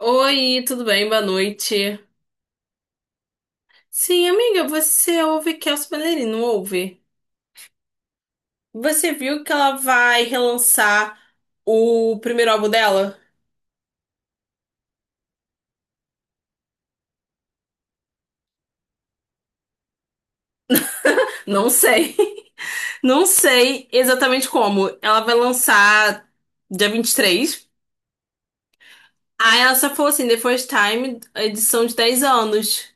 Oi, tudo bem? Boa noite. Sim, amiga, você ouve Kelsea Ballerini, não ouve? Você viu que ela vai relançar o primeiro álbum dela? Não sei. Não sei exatamente como. Ela vai lançar dia 23. Aí ela só falou assim, The First Time, edição de 10 anos.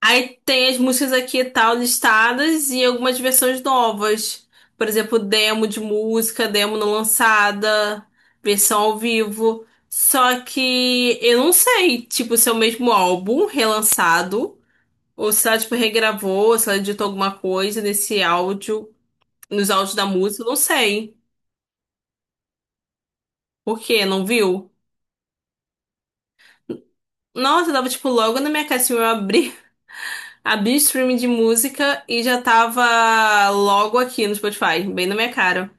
Aí tem as músicas aqui e tal listadas e algumas versões novas. Por exemplo, demo de música, demo não lançada, versão ao vivo. Só que eu não sei, tipo, se é o mesmo álbum relançado, ou se ela, tipo, regravou, ou se ela editou alguma coisa nesse áudio, nos áudios da música, eu não sei. Por quê? Não viu? Nossa, eu tava, tipo, logo na minha caixinha, eu abri, abri o streaming de música e já tava logo aqui no Spotify, bem na minha cara.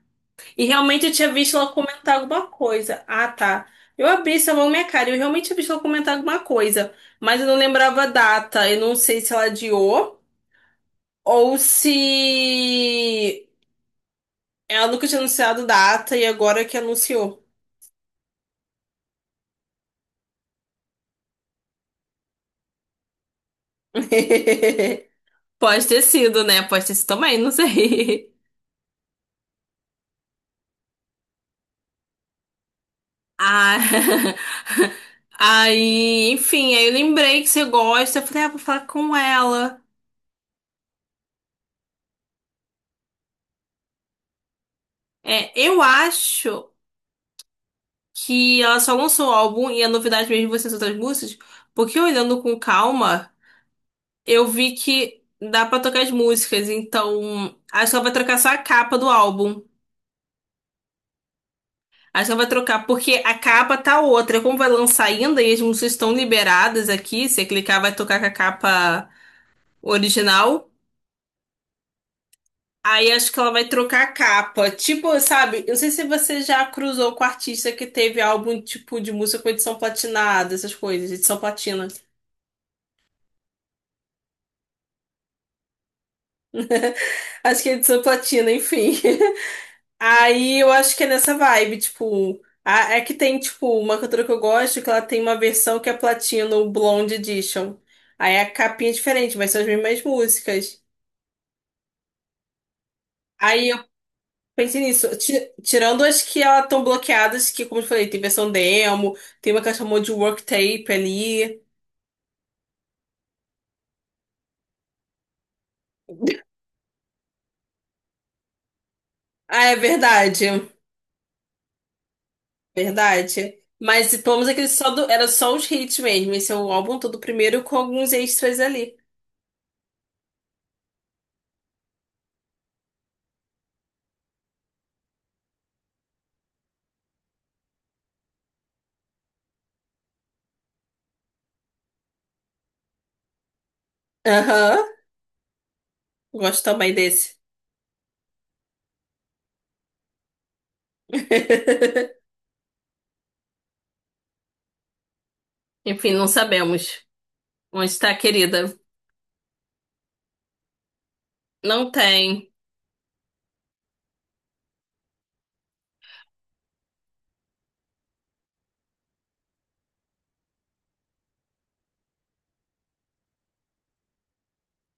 E realmente eu tinha visto ela comentar alguma coisa. Ah, tá. Eu abri essa mão minha cara. Eu realmente tinha visto ela comentar alguma coisa. Mas eu não lembrava a data. Eu não sei se ela adiou ou se ela nunca tinha anunciado data e agora que anunciou. Pode ter sido, né? Pode ter sido também, não sei. Ah, aí, enfim, aí eu lembrei que você gosta. Eu falei, ah, vou falar com ela. É, eu acho que ela só lançou o álbum e a novidade mesmo vai ser as outras músicas, porque olhando com calma, eu vi que dá pra trocar as músicas, então acho que ela vai trocar só a capa do álbum. Acho que ela vai trocar, porque a capa tá outra. Como vai lançar ainda e as músicas estão liberadas aqui, se clicar vai tocar com a capa original. Aí acho que ela vai trocar a capa. Tipo, sabe, eu não sei se você já cruzou com artista que teve álbum tipo de música com edição platinada, essas coisas, edição platina. Acho que é edição platina, enfim. Aí eu acho que é nessa vibe, tipo. É que tem, tipo, uma cantora que eu gosto que ela tem uma versão que é platina, o Blonde Edition. Aí a capinha é diferente, mas são as mesmas músicas. Aí eu pensei nisso. Tirando as que elas estão bloqueadas, que, como eu falei, tem versão demo, tem uma que ela chamou de work tape ali. Ah, é verdade. Verdade. Mas pelo menos aquele era só os hits mesmo. Esse é o álbum todo primeiro com alguns extras ali. Aham, gosto também desse. Enfim, não sabemos onde está a querida. Não tem.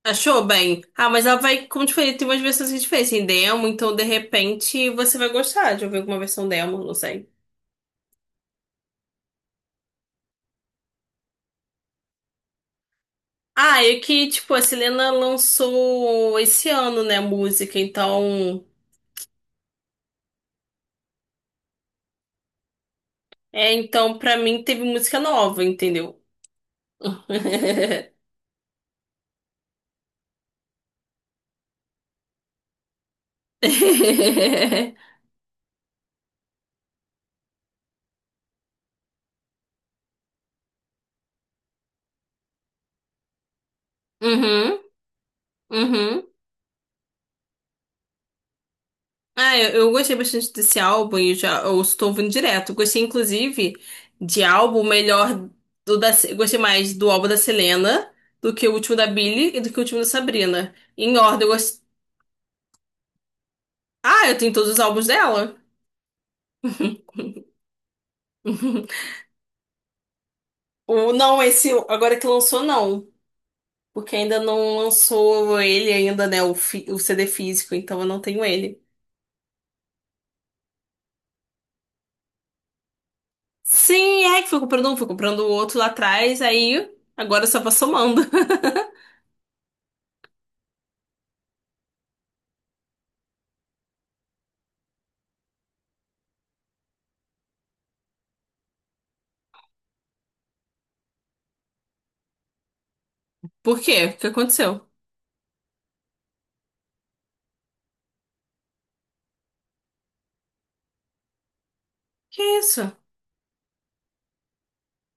Achou bem. Ah, mas ela vai, como te falei, tem umas versões que a gente fez em demo, então de repente você vai gostar de ouvir alguma versão demo, não sei. Ah, e que, tipo, a Selena lançou esse ano, né, música, então. É, então pra mim teve música nova, entendeu? Uhum, uhum. Ah, eu gostei bastante desse álbum e já eu estou ouvindo direto. Gostei, inclusive, de álbum melhor do da, gostei mais do álbum da Selena do que o último da Billie e do que o último da Sabrina. Em ordem, eu gostei. Ah, eu tenho todos os álbuns dela. O, não, esse agora que lançou, não. Porque ainda não lançou ele ainda, né? O CD físico, então eu não tenho ele. Sim, é que fui comprando um, fui comprando o outro lá atrás, aí agora só vou somando. Por quê? O que aconteceu? Que isso?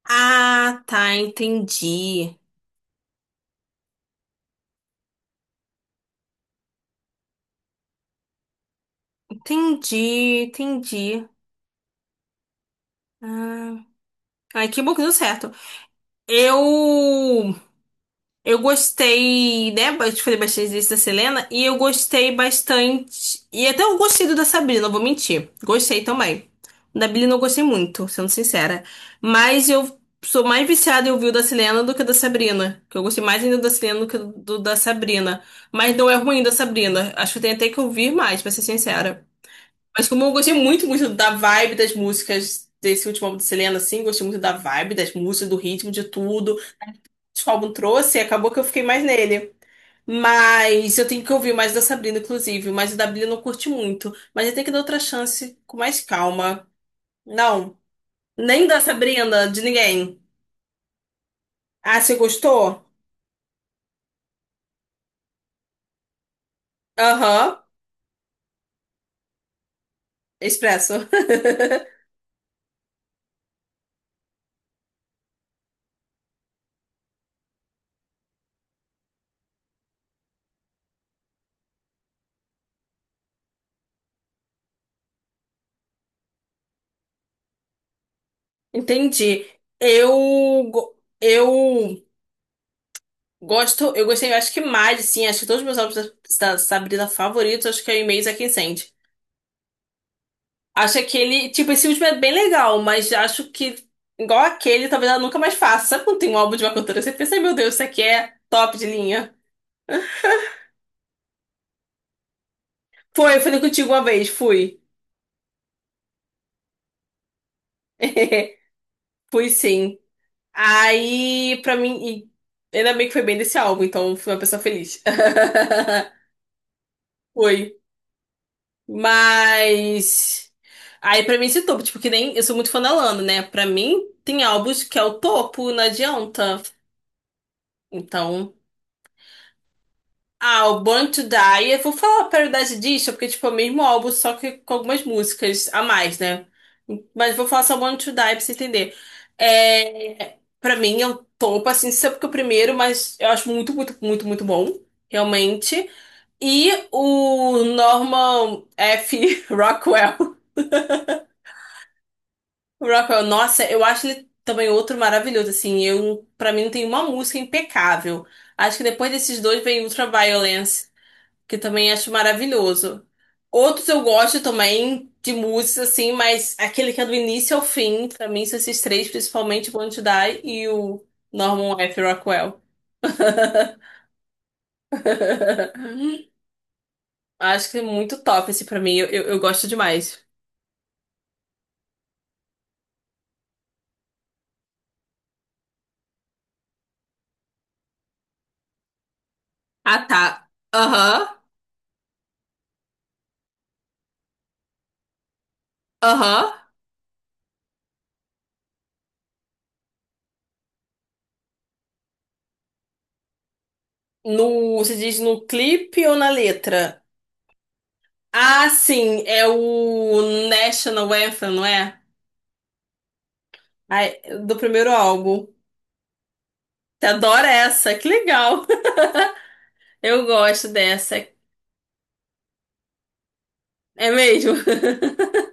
Ah, tá, entendi. Entendi, entendi. Ah, ai, que bom que deu certo. Eu eu gostei, né? Eu te falei bastante disso da Selena e eu gostei bastante. E até eu gostei do da Sabrina, não vou mentir. Gostei também. O da Billie não gostei muito, sendo sincera. Mas eu sou mais viciada em ouvir o da Selena do que o da Sabrina. Que eu gostei mais ainda do da Selena do que do da Sabrina. Mas não é ruim da Sabrina. Acho que eu tenho até que ouvir mais, pra ser sincera. Mas como eu gostei muito, muito da vibe das músicas desse último álbum de Selena, assim, gostei muito da vibe das músicas, do ritmo, de tudo que o álbum trouxe, acabou que eu fiquei mais nele. Mas eu tenho que ouvir mais da Sabrina, inclusive, mas o da Billie eu não curti muito. Mas eu tenho que dar outra chance com mais calma. Não, nem da Sabrina, de ninguém. Ah, você gostou? Aham, Expresso. Entendi. Eu, go- eu gosto, eu gostei, acho que mais, assim, acho que todos os meus álbuns da Sabrina favoritos, acho que é o E-mails é quem sente. Acho aquele, tipo, esse último é bem legal, mas acho que, igual aquele, talvez ela nunca mais faça. Sabe quando tem um álbum de uma cantora, você pensa, "Ai, meu Deus, isso aqui é top de linha." Foi, eu falei contigo uma vez, fui. Fui sim. Aí, pra mim, e ainda bem que foi bem desse álbum, então fui uma pessoa feliz. Foi. Mas aí pra mim esse topo, tipo, que nem eu sou muito fã da Lana, né? Pra mim tem álbuns que é o topo, não adianta. Então, ah, o Born to Die, eu vou falar a paridade disso, porque tipo é o mesmo álbum, só que com algumas músicas a mais, né? Mas vou falar só Born to Die pra você entender. É, para mim é o topo, assim, isso é porque é o primeiro, mas eu acho muito, muito, muito, muito bom, realmente. E o Norman F. Rockwell. O Rockwell, nossa, eu acho ele também outro maravilhoso, assim, eu, pra mim não tem uma música impecável. Acho que depois desses dois vem Ultraviolence, que também acho maravilhoso. Outros eu gosto também de músicas, assim, mas aquele que é do início ao fim, pra mim são esses três, principalmente o Want to Die e o Norman F. Rockwell. Acho que é muito top esse pra mim, eu gosto demais. Ah, tá. Aham, aham. No, você diz no clipe ou na letra? Ah, sim, é o National Anthem, não é? Ai, do primeiro álbum. Você adora essa, que legal. Eu gosto dessa. É mesmo?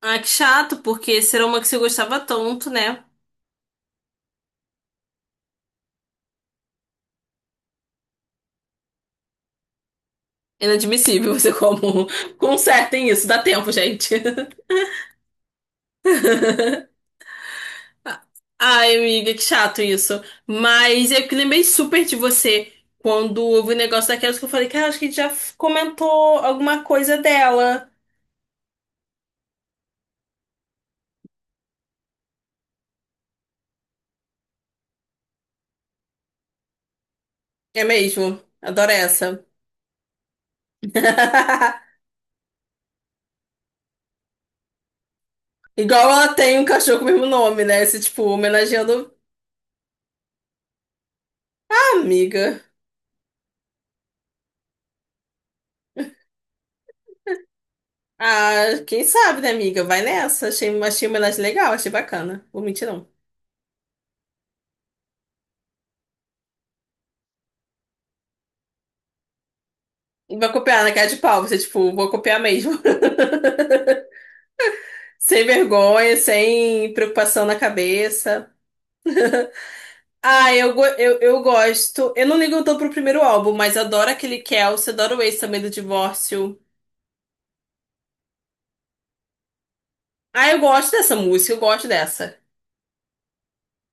Ah, que chato, porque será uma que você gostava tanto, né? Inadmissível você como. Consertem isso, dá tempo, gente. Ai, amiga, que chato isso. Mas eu que lembrei super de você quando houve o negócio daquelas que eu falei, cara, acho que a gente já comentou alguma coisa dela. É mesmo, adoro essa. Igual ela tem um cachorro com o mesmo nome, né? Esse, tipo, homenageando a amiga. Ah, quem sabe, né, amiga? Vai nessa. Achei, achei uma homenagem legal, achei bacana. Vou mentir, não. E vai copiar na cara de pau, você, tipo, vou copiar mesmo. Sem vergonha, sem preocupação na cabeça. Ah, eu gosto. Eu não ligo tanto pro primeiro álbum, mas adoro aquele Kelsey, adoro o Ace também do Divórcio. Ah, eu gosto dessa música, eu gosto dessa.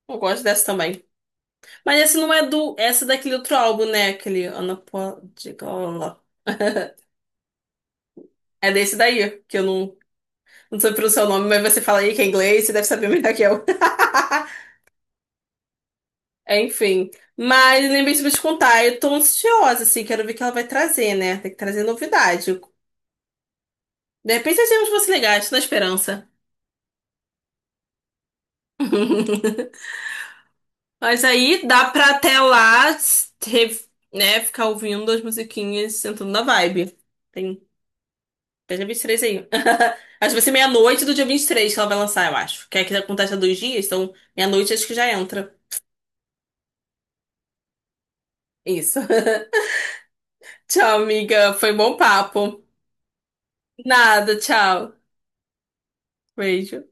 Eu gosto dessa também. Mas essa não é do. Essa é daquele outro álbum, né? Aquele Unapologetic. É desse daí, que eu não, não sei pronunciar o nome, mas você fala aí que é inglês, você deve saber melhor que eu. Enfim. Mas lembrei de te contar, eu tô ansiosa, assim, quero ver o que ela vai trazer, né? Tem que trazer novidade. De repente, nós temos você legal, estou na esperança. Mas aí dá pra até lá, re- né, ficar ouvindo as musiquinhas, sentando na vibe. Tem até dia 23 aí. Acho que vai ser meia-noite do dia 23 que ela vai lançar, eu acho. Que é que acontece há 2 dias, então meia-noite acho que já entra. Isso. Tchau, amiga. Foi bom papo. Nada, tchau. Beijo.